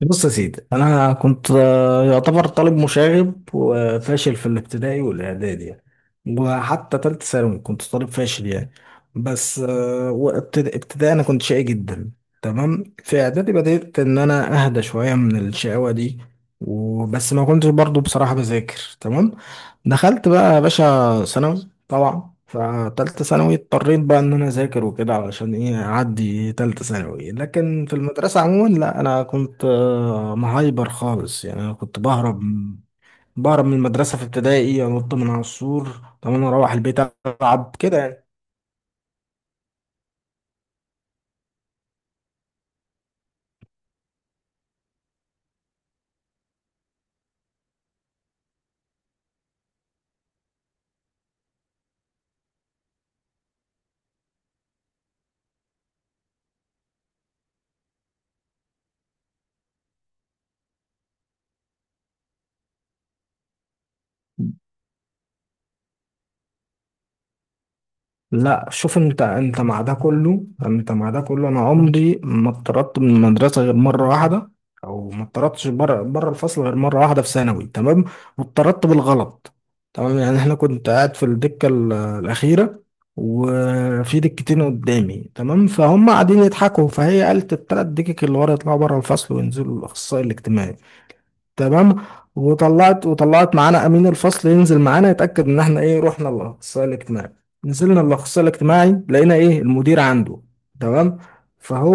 بص يا سيدي، انا كنت يعتبر طالب مشاغب وفاشل في الابتدائي والاعدادي يعني، وحتى تالتة ثانوي كنت طالب فاشل يعني. بس ابتدائي انا كنت شقي جدا. تمام. في اعدادي بدأت ان انا اهدى شوية من الشقاوة دي، وبس ما كنتش برضو بصراحة بذاكر. تمام. دخلت بقى يا باشا ثانوي، طبعا فتالتة ثانوي اضطريت بقى ان انا اذاكر وكده علشان ايه اعدي تالتة ثانوي. لكن في المدرسة عموما لا، انا كنت مهايبر خالص يعني، انا كنت بهرب من المدرسة. في ابتدائي انط من على السور، طب انا اروح البيت العب كده. لا، شوف. انت مع ده كله، انا عمري ما اتطردت من المدرسه غير مره واحده، او ما اتطردتش بره الفصل غير مره واحده في ثانوي. تمام. واتطردت بالغلط. تمام، يعني احنا كنت قاعد في الدكه الاخيره، وفي دكتين قدامي. تمام، فهم قاعدين يضحكوا، فهي قالت التلات دكك اللي ورا يطلعوا بره الفصل وينزلوا الاخصائي الاجتماعي. تمام. وطلعت معانا امين الفصل ينزل معانا يتاكد ان احنا ايه رحنا الاخصائي الاجتماعي. نزلنا الاخصائي الاجتماعي لقينا ايه المدير عنده. تمام. فهو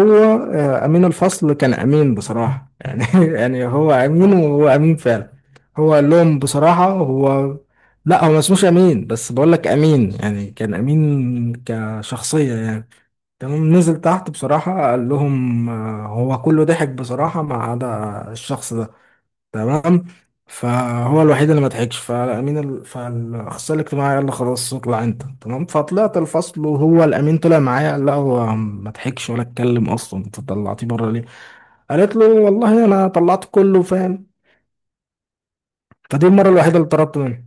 امين الفصل كان امين بصراحه يعني، يعني هو امين وهو امين فعلا. هو قال لهم بصراحه هو. لا، هو ما اسموش امين، بس بقول لك امين يعني كان امين كشخصيه يعني. تمام. نزل تحت بصراحه قال لهم هو كله ضحك بصراحه ما عدا الشخص ده. تمام. فهو الوحيد اللي ما ضحكش فالاخصائي الاجتماعي قال له خلاص اطلع انت. تمام. فطلعت الفصل، وهو الامين طلع معايا، قال له هو ما ضحكش ولا اتكلم اصلا، انت طلعتيه بره ليه؟ قالت له والله انا طلعت كله فاهم. فدي المره الوحيده اللي طردت منه.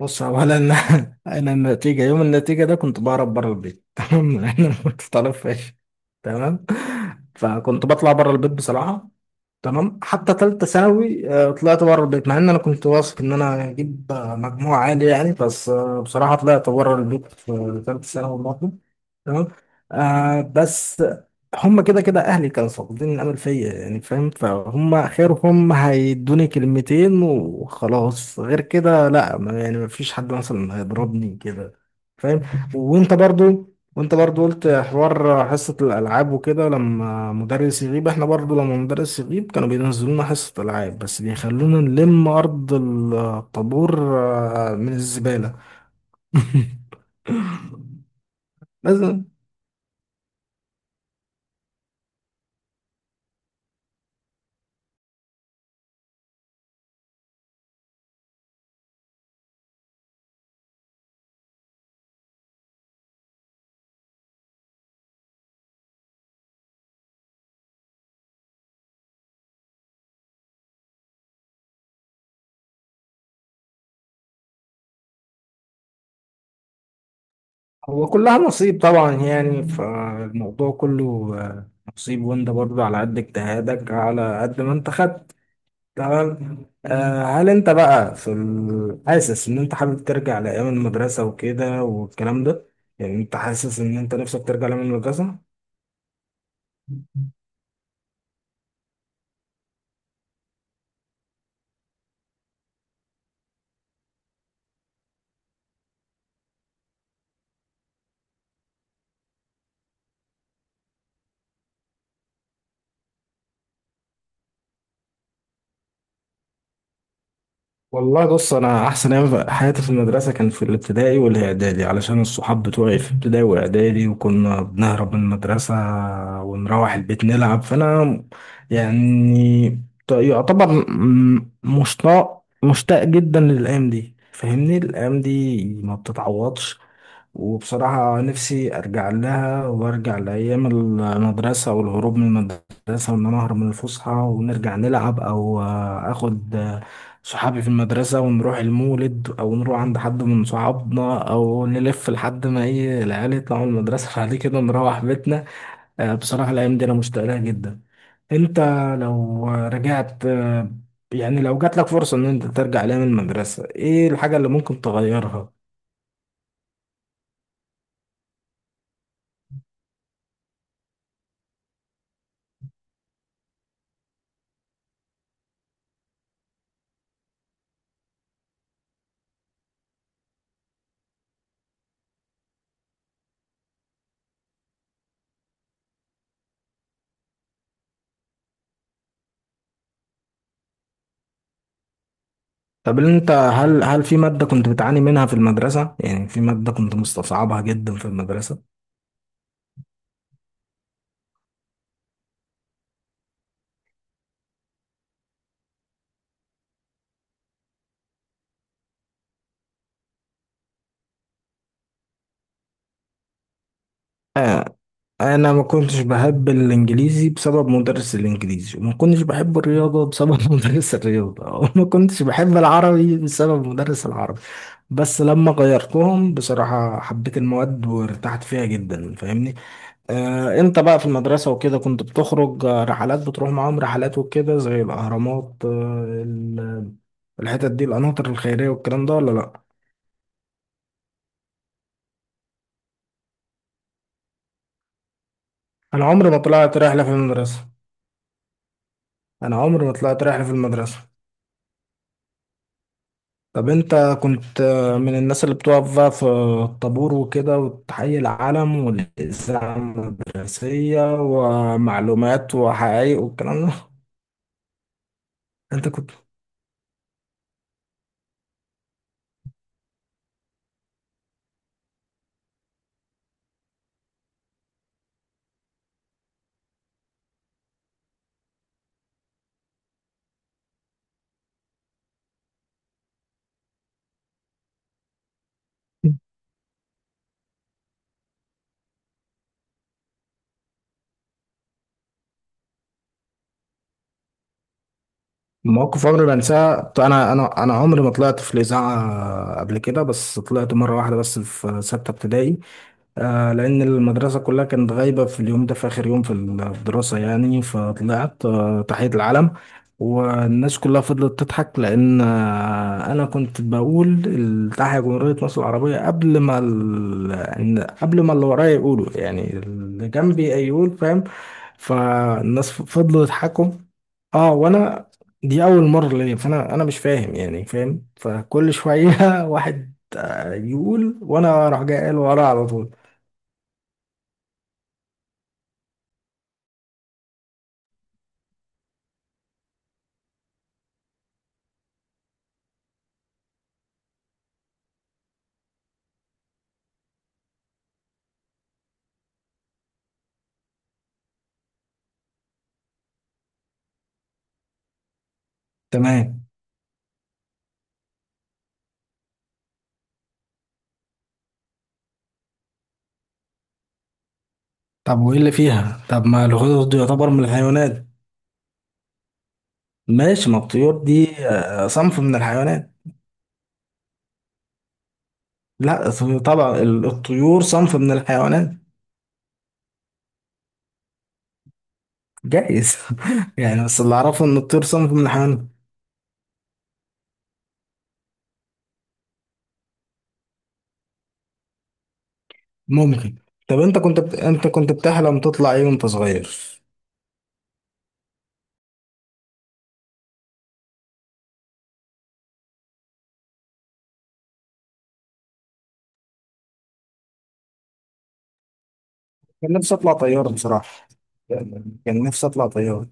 بص اولا، انا يوم النتيجه ده كنت بهرب بره البيت. تمام، انا ما كنت طالب فاشل. تمام. فكنت بطلع بره البيت بصراحه. تمام. حتى تالتة ثانوي طلعت بره البيت، مع ان انا كنت واثق ان انا هجيب مجموع عالي يعني. بس بصراحة طلعت بره البيت في تالتة ثانوي برضه. تمام. بس هم كده كده اهلي كانوا فاقدين الامل فيا يعني، فاهم؟ فهم خيرهم هيدوني كلمتين وخلاص، غير كده لا يعني ما فيش حد مثلا هيضربني كده. فاهم؟ وانت برضو وانت برضو قلت حوار حصة الألعاب وكده، لما مدرس يغيب. احنا برضو لما مدرس يغيب كانوا بينزلونا حصة ألعاب بس بيخلونا نلم أرض الطابور من الزبالة. لازم. هو كلها نصيب طبعا، يعني فالموضوع كله نصيب، وانت برضو على قد اجتهادك على قد ما انت خدت. تمام. هل انت بقى حاسس ان انت حابب ترجع لايام المدرسه وكده والكلام ده؟ يعني انت حاسس ان انت نفسك ترجع لايام المدرسه؟ والله بص، انا احسن ايام في حياتي في المدرسه كان في الابتدائي والاعدادي، علشان الصحاب بتوعي في ابتدائي واعدادي وكنا بنهرب من المدرسه ونروح البيت نلعب. فانا يعني، يعتبر مشتاق مشتاق جدا للايام دي. فاهمني؟ الايام دي ما بتتعوضش. وبصراحة نفسي أرجع لها، وأرجع لأيام المدرسة والهروب من المدرسة، وإن أنا أهرب من الفسحة ونرجع نلعب، أو آخد صحابي في المدرسة ونروح المولد أو نروح عند حد من صحابنا أو نلف لحد ما إيه العيال يطلعوا من المدرسة. بعد كده نروح بيتنا. بصراحة الأيام دي أنا مشتاق لها جدا. أنت لو رجعت، يعني لو جات لك فرصة إن أنت ترجع لأيام المدرسة، إيه الحاجة اللي ممكن تغيرها؟ طب انت، هل في مادة كنت بتعاني منها في المدرسة؟ يعني في مادة كنت مستصعبها جدا في المدرسة؟ آه، انا ما كنتش بحب الانجليزي بسبب مدرس الانجليزي، وما كنتش بحب الرياضة بسبب مدرس الرياضة، وما كنتش بحب العربي بسبب مدرس العربي. بس لما غيرتهم بصراحة حبيت المواد وارتحت فيها جدا. فاهمني؟ انت بقى في المدرسة وكده كنت بتخرج رحلات، بتروح معاهم رحلات وكده زي الأهرامات، الحتت دي، القناطر الخيرية والكلام ده، ولا لأ؟ أنا عمري ما طلعت رحلة في المدرسة. أنا عمري ما طلعت رحلة في المدرسة. طب انت كنت من الناس اللي بتقف بقى في الطابور وكده وتحيي العلم والإذاعة المدرسية ومعلومات وحقائق والكلام ده؟ انت كنت مواقف عمري ما انساها. انا عمري ما طلعت في الاذاعه قبل كده، بس طلعت مره واحده بس في سته ابتدائي. آه، لان المدرسه كلها كانت غايبه في اليوم ده، في اخر يوم في الدراسه يعني. فطلعت تحيه العلم، والناس كلها فضلت تضحك لان انا كنت بقول التحية جمهوريه مصر العربيه قبل ما اللي ورايا يقولوا، يعني اللي جنبي يقول، فاهم؟ فالناس فضلوا يضحكوا. اه وانا دي اول مره ليا، فانا مش فاهم يعني، فاهم؟ فكل شويه واحد يقول وانا اروح جاي قال وراه على طول. تمام. طب وايه اللي فيها؟ طب ما الغدد دي يعتبر من الحيوانات. ماشي، ما الطيور دي صنف من الحيوانات. لا، طبعا الطيور صنف من الحيوانات. جايز، يعني بس اللي اعرفه ان الطيور صنف من الحيوانات. ممكن. طب انت كنت بتحلم تطلع ايه وانت صغير؟ كان نفسي اطلع طيار بصراحه، يعني كان نفسي اطلع طيار.